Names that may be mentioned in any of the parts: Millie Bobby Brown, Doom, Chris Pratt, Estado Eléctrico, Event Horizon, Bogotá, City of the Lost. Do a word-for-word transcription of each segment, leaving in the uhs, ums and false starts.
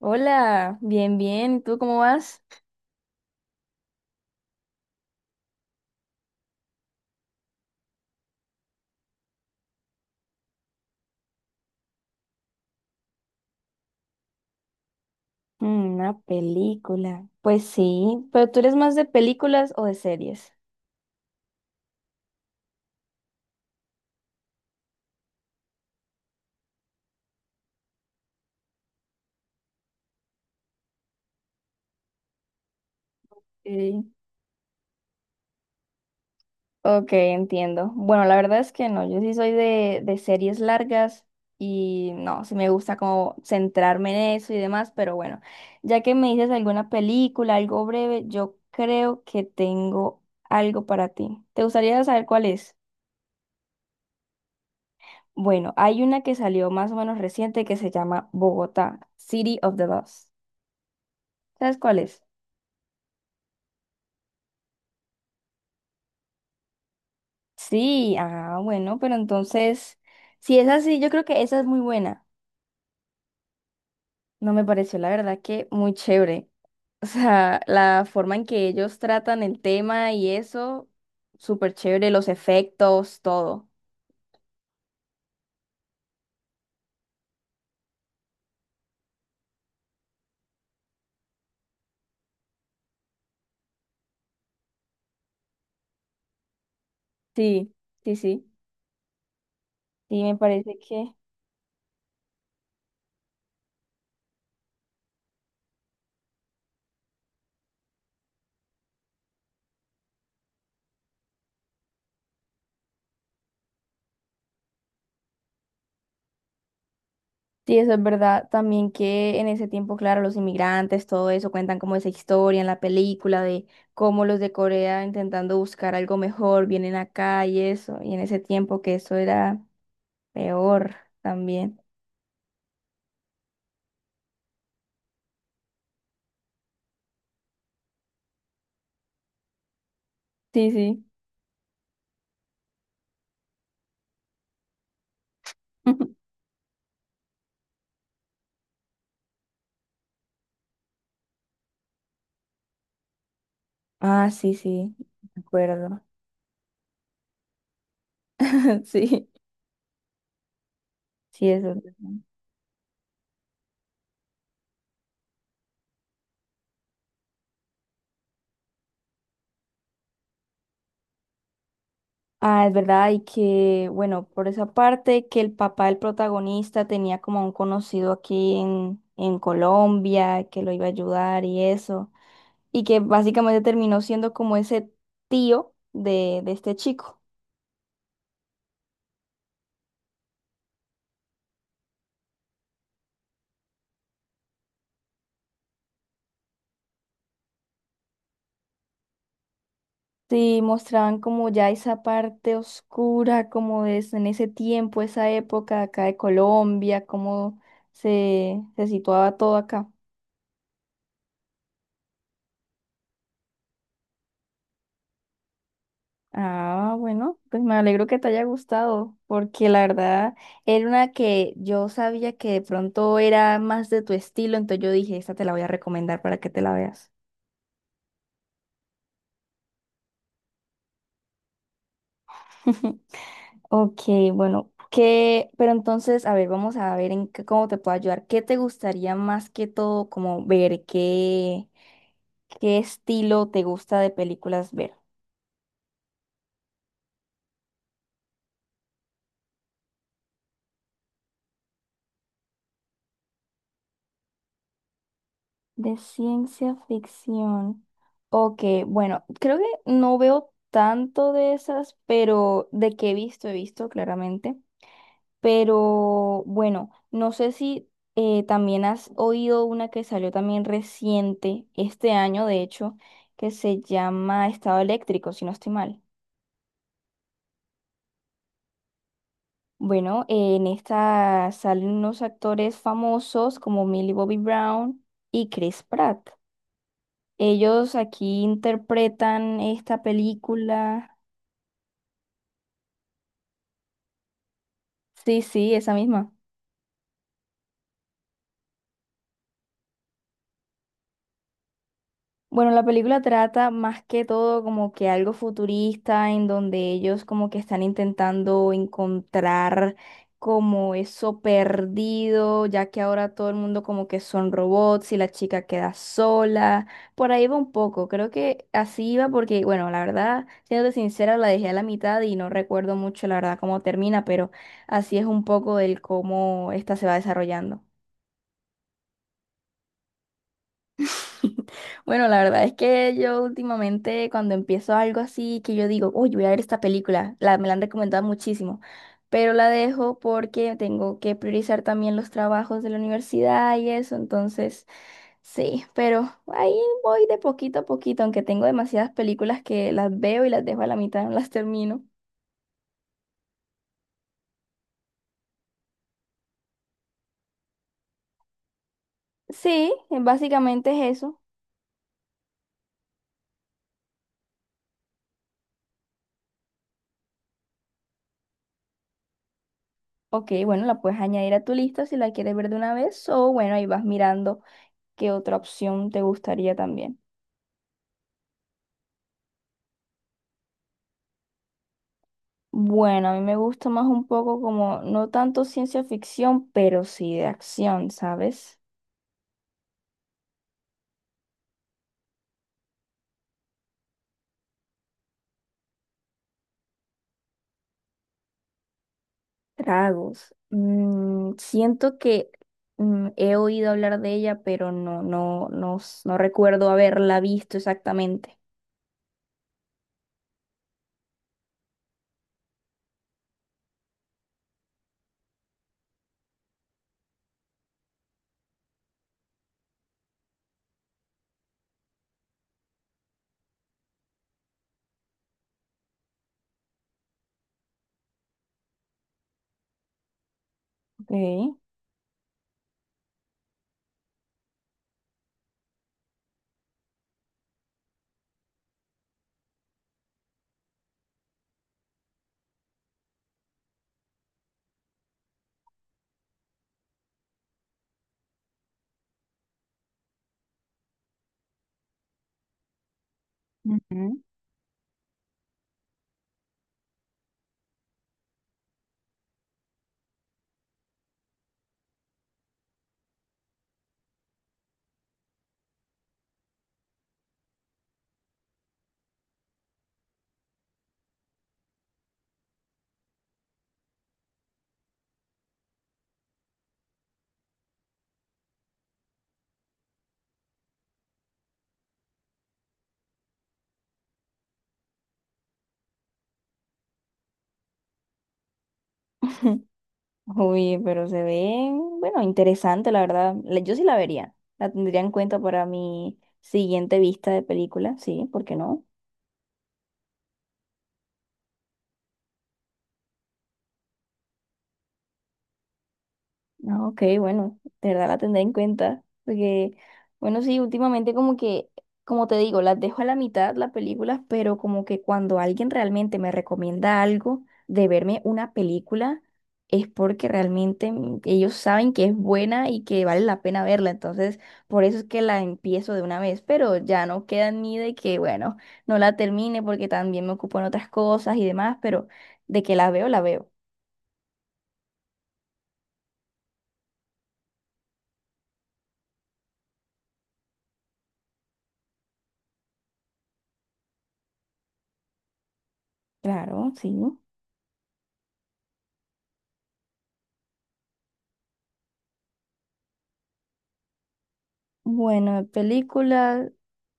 Hola, bien, bien. ¿Y tú cómo vas? Mm, Una película. Pues sí, pero ¿tú eres más de películas o de series? Sí. Ok, entiendo. Bueno, la verdad es que no, yo sí soy de, de series largas y no, sí me gusta como centrarme en eso y demás, pero bueno, ya que me dices alguna película, algo breve, yo creo que tengo algo para ti. ¿Te gustaría saber cuál es? Bueno, hay una que salió más o menos reciente que se llama Bogotá, City of the Lost. ¿Sabes cuál es? Sí, ah, bueno, pero entonces, si es así, yo creo que esa es muy buena. No me pareció, la verdad, que muy chévere. O sea, la forma en que ellos tratan el tema y eso, súper chévere, los efectos, todo. Sí, sí, sí. Sí, me parece que sí, eso es verdad. También que en ese tiempo, claro, los inmigrantes, todo eso, cuentan como esa historia en la película de cómo los de Corea intentando buscar algo mejor vienen acá y eso. Y en ese tiempo que eso era. Peor también. Sí, sí. Ah, sí, sí, me acuerdo. Sí. Sí, eso es verdad. Ah, es verdad, y que, bueno, por esa parte, que el papá del protagonista tenía como un conocido aquí en, en Colombia, que lo iba a ayudar y eso, y que básicamente terminó siendo como ese tío de, de este chico. Sí, mostraban como ya esa parte oscura, como es en ese tiempo, esa época acá de Colombia, cómo se, se situaba todo acá. Ah, bueno, pues me alegro que te haya gustado, porque la verdad era una que yo sabía que de pronto era más de tu estilo, entonces yo dije, esta te la voy a recomendar para que te la veas. Ok, bueno, ¿qué? Pero entonces, a ver, vamos a ver en qué, cómo te puedo ayudar. ¿Qué te gustaría más que todo como ver? ¿Qué, qué estilo te gusta de películas ver? De ciencia ficción. Ok, bueno, creo que no veo tanto de esas, pero de que he visto, he visto claramente. Pero bueno, no sé si eh, también has oído una que salió también reciente, este año de hecho, que se llama Estado Eléctrico, si no estoy mal. Bueno, eh, en esta salen unos actores famosos como Millie Bobby Brown y Chris Pratt. Ellos aquí interpretan esta película. Sí, sí, esa misma. Bueno, la película trata más que todo como que algo futurista en donde ellos como que están intentando encontrar como eso perdido, ya que ahora todo el mundo como que son robots y la chica queda sola. Por ahí va un poco, creo que así iba porque, bueno, la verdad, siéndote sincera, la dejé a la mitad y no recuerdo mucho la verdad cómo termina, pero así es un poco del cómo esta se va desarrollando. Bueno, la verdad es que yo últimamente cuando empiezo algo así, que yo digo, uy, voy a ver esta película, la, me la han recomendado muchísimo, pero la dejo porque tengo que priorizar también los trabajos de la universidad y eso, entonces sí, pero ahí voy de poquito a poquito, aunque tengo demasiadas películas que las veo y las dejo a la mitad, no las termino. Sí, eh, básicamente es eso. Ok, bueno, la puedes añadir a tu lista si la quieres ver de una vez, o bueno, ahí vas mirando qué otra opción te gustaría también. Bueno, a mí me gusta más un poco como, no tanto ciencia ficción, pero sí de acción, ¿sabes? Tragos. Mm, siento que mm, he oído hablar de ella, pero no, no, no, s- no recuerdo haberla visto exactamente. Ok. Ujú. Uy, pero se ve, bueno, interesante, la verdad. La- Yo sí la vería. La tendría en cuenta para mi siguiente vista de película, sí, ¿por qué no? Ah, Ok, bueno, de verdad la tendré en cuenta, porque, bueno, sí, últimamente como que, como te digo, las dejo a la mitad las películas, pero como que cuando alguien realmente me recomienda algo de verme una película, es porque realmente mm, ellos saben que es buena y que vale la pena verla, entonces por eso es que la empiezo de una vez, pero ya no queda ni de que, bueno, no la termine porque también me ocupo en otras cosas y demás, pero de que la veo, la veo. Claro, sí. Bueno, de películas,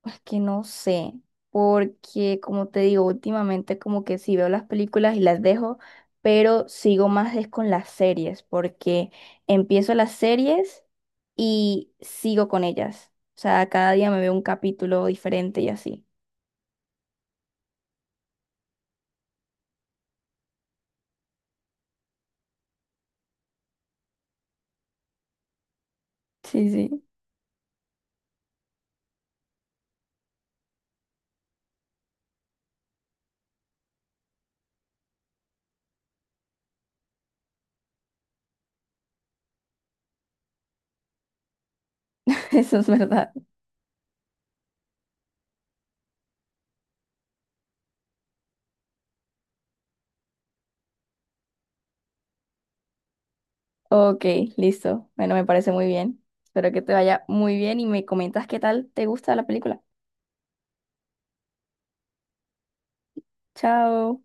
pues que no sé, porque como te digo, últimamente como que sí veo las películas y las dejo, pero sigo más es con las series, porque empiezo las series y sigo con ellas. O sea, cada día me veo un capítulo diferente y así. Sí, sí, eso es verdad. Ok, listo. Bueno, me parece muy bien. Espero que te vaya muy bien y me comentas qué tal te gusta la película. Chao.